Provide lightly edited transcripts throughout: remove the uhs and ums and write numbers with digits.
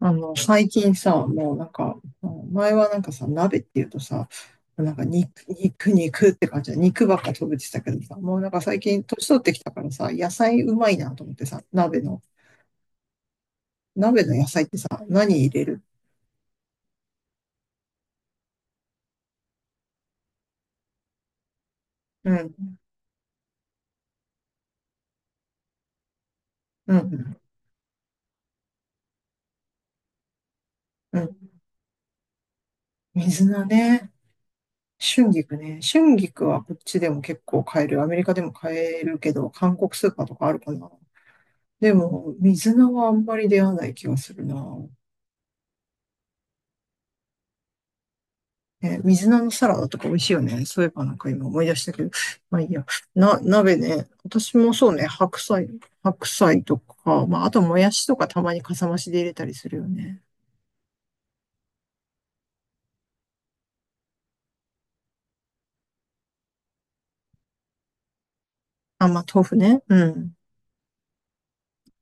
最近さ、もうなんか、うん前はさ、鍋っていうとさ、肉、肉、肉って感じで、肉ばっか食べてたけどさ、もう最近年取ってきたからさ、野菜うまいなと思ってさ、鍋の野菜ってさ、何入れるうん、うん、うん。水菜ね。春菊ね。春菊はこっちでも結構買える。アメリカでも買えるけど、韓国スーパーとかあるかな。でも、水菜はあんまり出会わない気がするな。ね、水菜のサラダとか美味しいよね。そういえば今思い出したけど。まあいいや。鍋ね。私もそうね。白菜とか、まあ、あと、もやしとかたまにかさ増しで入れたりするよね。あ、まあ豆腐ね。うん。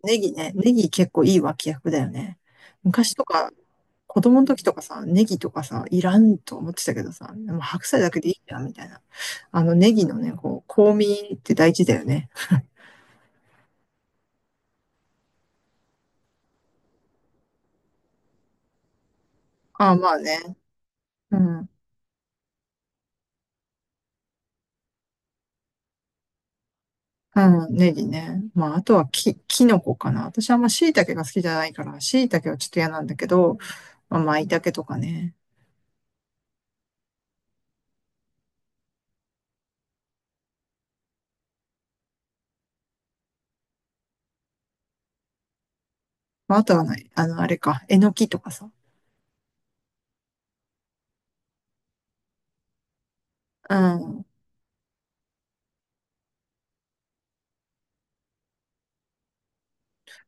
ネギね。ネギ結構いい脇役だよね。昔とか、子供の時とかさ、ネギとかさ、いらんと思ってたけどさ、でも白菜だけでいいじゃんみたいな。あのネギのね、こう、香味って大事だよね。ああ、まあね。うん。うん、ネギね。まあ、あとはキノコかな。私はあんま椎茸が好きじゃないから、椎茸はちょっと嫌なんだけど、まあ、舞茸とかね。まあ、あとはない、あの、あれか、えのきとかさ。うん。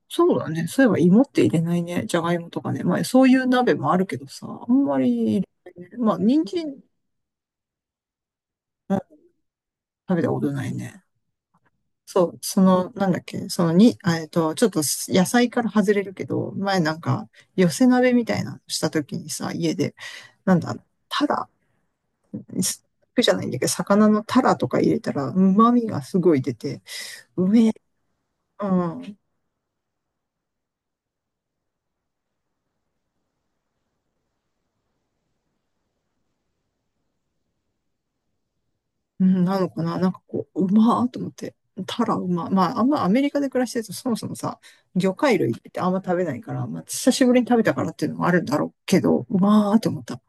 そうだね。そういえば芋って入れないね。じゃがいもとかね。まあ、そういう鍋もあるけどさ、あんまり入れないね。まあ、人参、うん、食べたことないね。そう、その、なんだっけ、そのに、あえっと、ちょっと野菜から外れるけど、前寄せ鍋みたいなのした時にさ、家で、なんだ、タラ肉じゃないんだけど、魚のタラとか入れたら、旨味がすごい出て、うめえ、うん、うんなのかな、なんかこう、うまーと思って。タラうま。まあ、あんまアメリカで暮らしてると、そもそもさ、魚介類ってあんま食べないから、まあ、久しぶりに食べたからっていうのもあるんだろうけど、うまーと思った。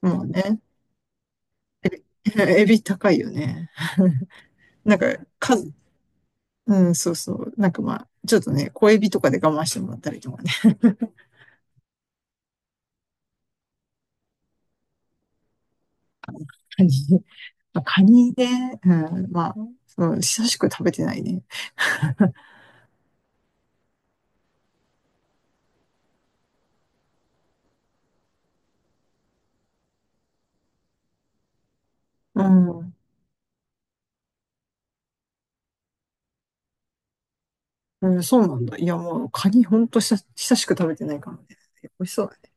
まあね。エビ高いよね。なんか、数、うん、そうそう。まあ、ちょっとね、小エビとかで我慢してもらったりとかね。カニ、まあ、カニね、うん、まあ、そう久しく食べてないね。うん。うん、そうなんだ。いや、もう、カニほんと久しく食べてないからね。美味しそうだね。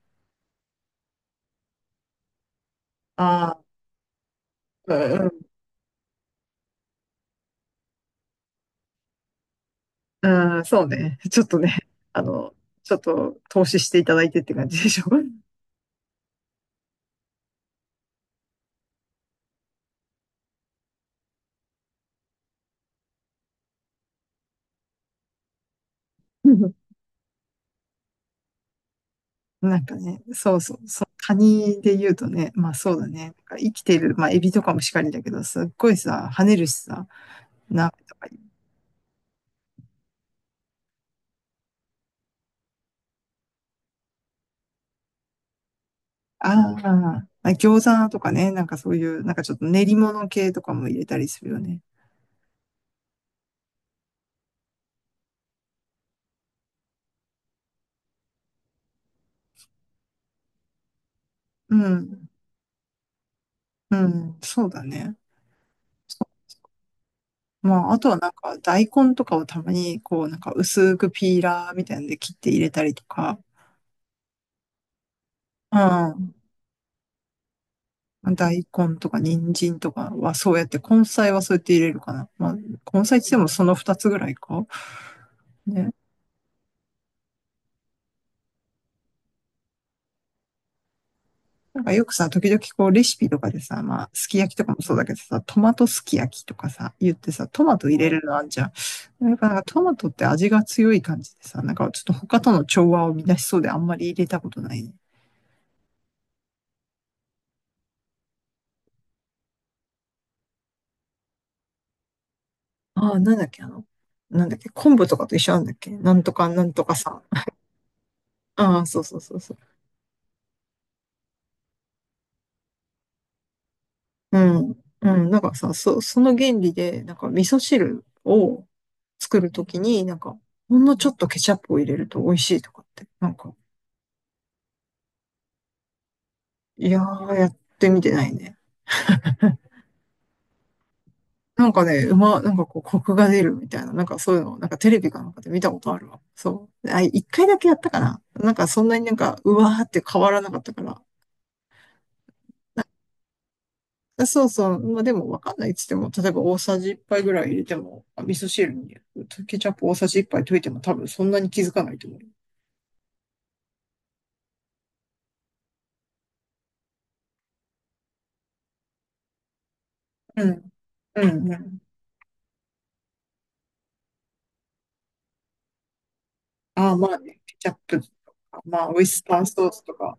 ああ、うん、うん、そうね。ちょっとね、あの、ちょっと投資していただいてって感じでしょ。うん、なんかね、そうそう、そう、カニで言うとね、まあそうだね。なんか生きてる、まあエビとかもしかりだけど、すっごいさ、跳ねるしさ、鍋とかに、ああ、餃子とかね、なんかそういう、なんかちょっと練り物系とかも入れたりするよね。うん、うん、そうだね。まあ、あとはなんか大根とかをたまにこうなんか薄くピーラーみたいなんで切って入れたりとか、うん。大根とか人参とかはそうやって、根菜はそうやって入れるかな。まあ、根菜って言ってもその二つぐらいか。ね。なんかよくさ、時々こうレシピとかでさ、まあ、すき焼きとかもそうだけどさ、トマトすき焼きとかさ、言ってさ、トマト入れるのあんじゃん。やっぱなんかトマトって味が強い感じでさ、なんかちょっと他との調和を乱しそうであんまり入れたことないね。ああ、なんだっけ、あの、なんだっけ、昆布とかと一緒なんだっけ、なんとかなんとかさ。ああ、そうそうそうそう。うん。うん、なんかさ、その原理で、なんか味噌汁を作るときに、なんか、ほんのちょっとケチャップを入れると美味しいとかって、なんか、いやー、やってみてないね。なんかね、なんかこう、コクが出るみたいな、なんかそういうのを、なんかテレビかなんかで見たことあるわ。そう。あ、一回だけやったかな。なんかそんなになんか、うわーって変わらなかったから、そうそう。まあでもわかんないっつっても、例えば大さじ1杯ぐらい入れても、あ、味噌汁にケチャップ大さじ1杯溶いても多分そんなに気づかないと思う。うん、うん、うん。ああ、まあね、ケチャップとか、まあ、オイスターソースとか。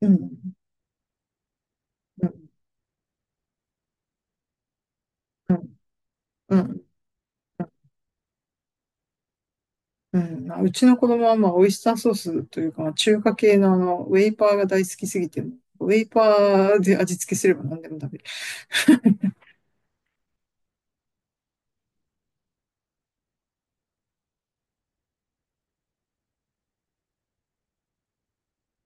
うん、うん、うん、うん。うん、まあうちの子供は、まあ、オイスターソースというか、まあ中華系のあの、ウェイパーが大好きすぎて、ウェイパーで味付けすれば何でも食べる。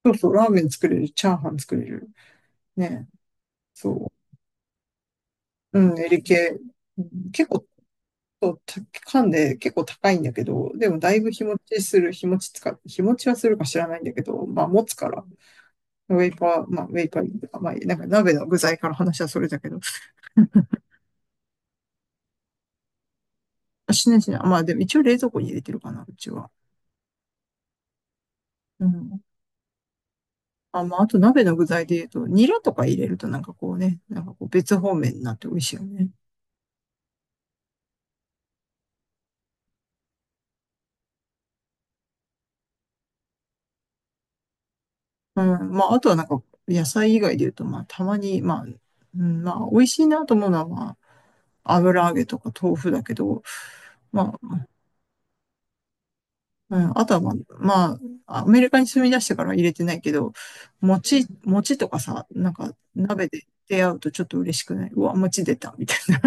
そうそう、ラーメン作れる、チャーハン作れる。ね、そう。うん、エリ系。うん、結構そうたピカで結構高いんだけど、でもだいぶ日持ちつか、日持ちはするか知らないんだけど、まあ持つから、ウェイパーとか、まあなんか鍋の具材から話はそれだけど、しないしない。まあでも一応冷蔵庫に入れてるかな、うちは。うん。あ、まああと鍋の具材で言うと、ニラとか入れるとなんかこうね、なんかこう別方面になって美味しいよね。うん。まああとはなんか野菜以外で言うと、まあたまに、まあ、うん、まあ美味しいなと思うのは、まあ油揚げとか豆腐だけど、まあうん、あとはまあ、まあ、アメリカに住み出してからは入れてないけど、餅とかさ、なんか鍋で出会うとちょっと嬉しくない、うわ、餅出た、みたいな。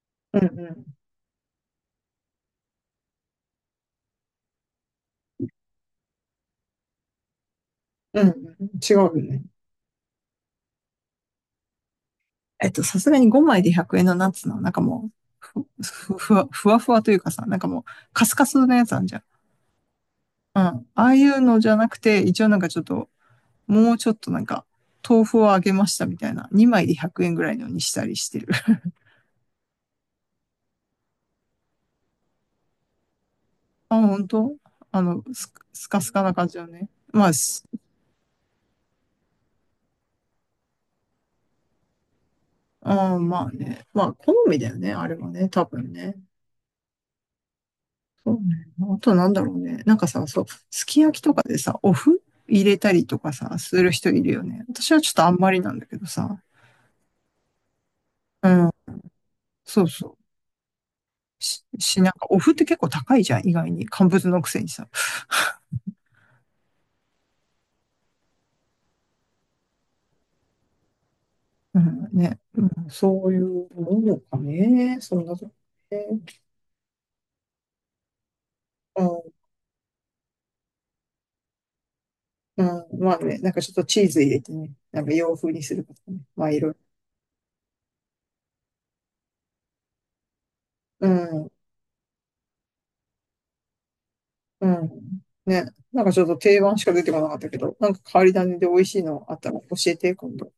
うんうん。うんうん。違うよね。えっと、さすがに5枚で100円のナッツの、なんかもう、ふ、ふふわ、ふわふわというかさ、なんかもう、カスカスのやつあんじゃん。うん。ああいうのじゃなくて、一応なんかちょっと、もうちょっとなんか、豆腐をあげましたみたいな、2枚で100円ぐらいのにしたりしてる。あ、本当、あの、スカスカスカな感じよね。あー、まあね。まあ、好みだよね、あれはね、多分ね。そうね。あとなんだろうね。なんかさ、そう、すき焼きとかでさ、お麩入れたりとかさ、する人いるよね。私はちょっとあんまりなんだけどさ。うん、そうそう。なんか、お麩って結構高いじゃん、意外に。乾物のくせにさ。うん、ね。うん、そういうものかね。そんなとこね。うん、まあね、なんかちょっとチーズ入れてね、なんか洋風にするとかね。まあいろいろ。うん、うん。ね、なんかちょっと定番しか出てこなかったけど、なんか変わり種で美味しいのあったら教えて、今度。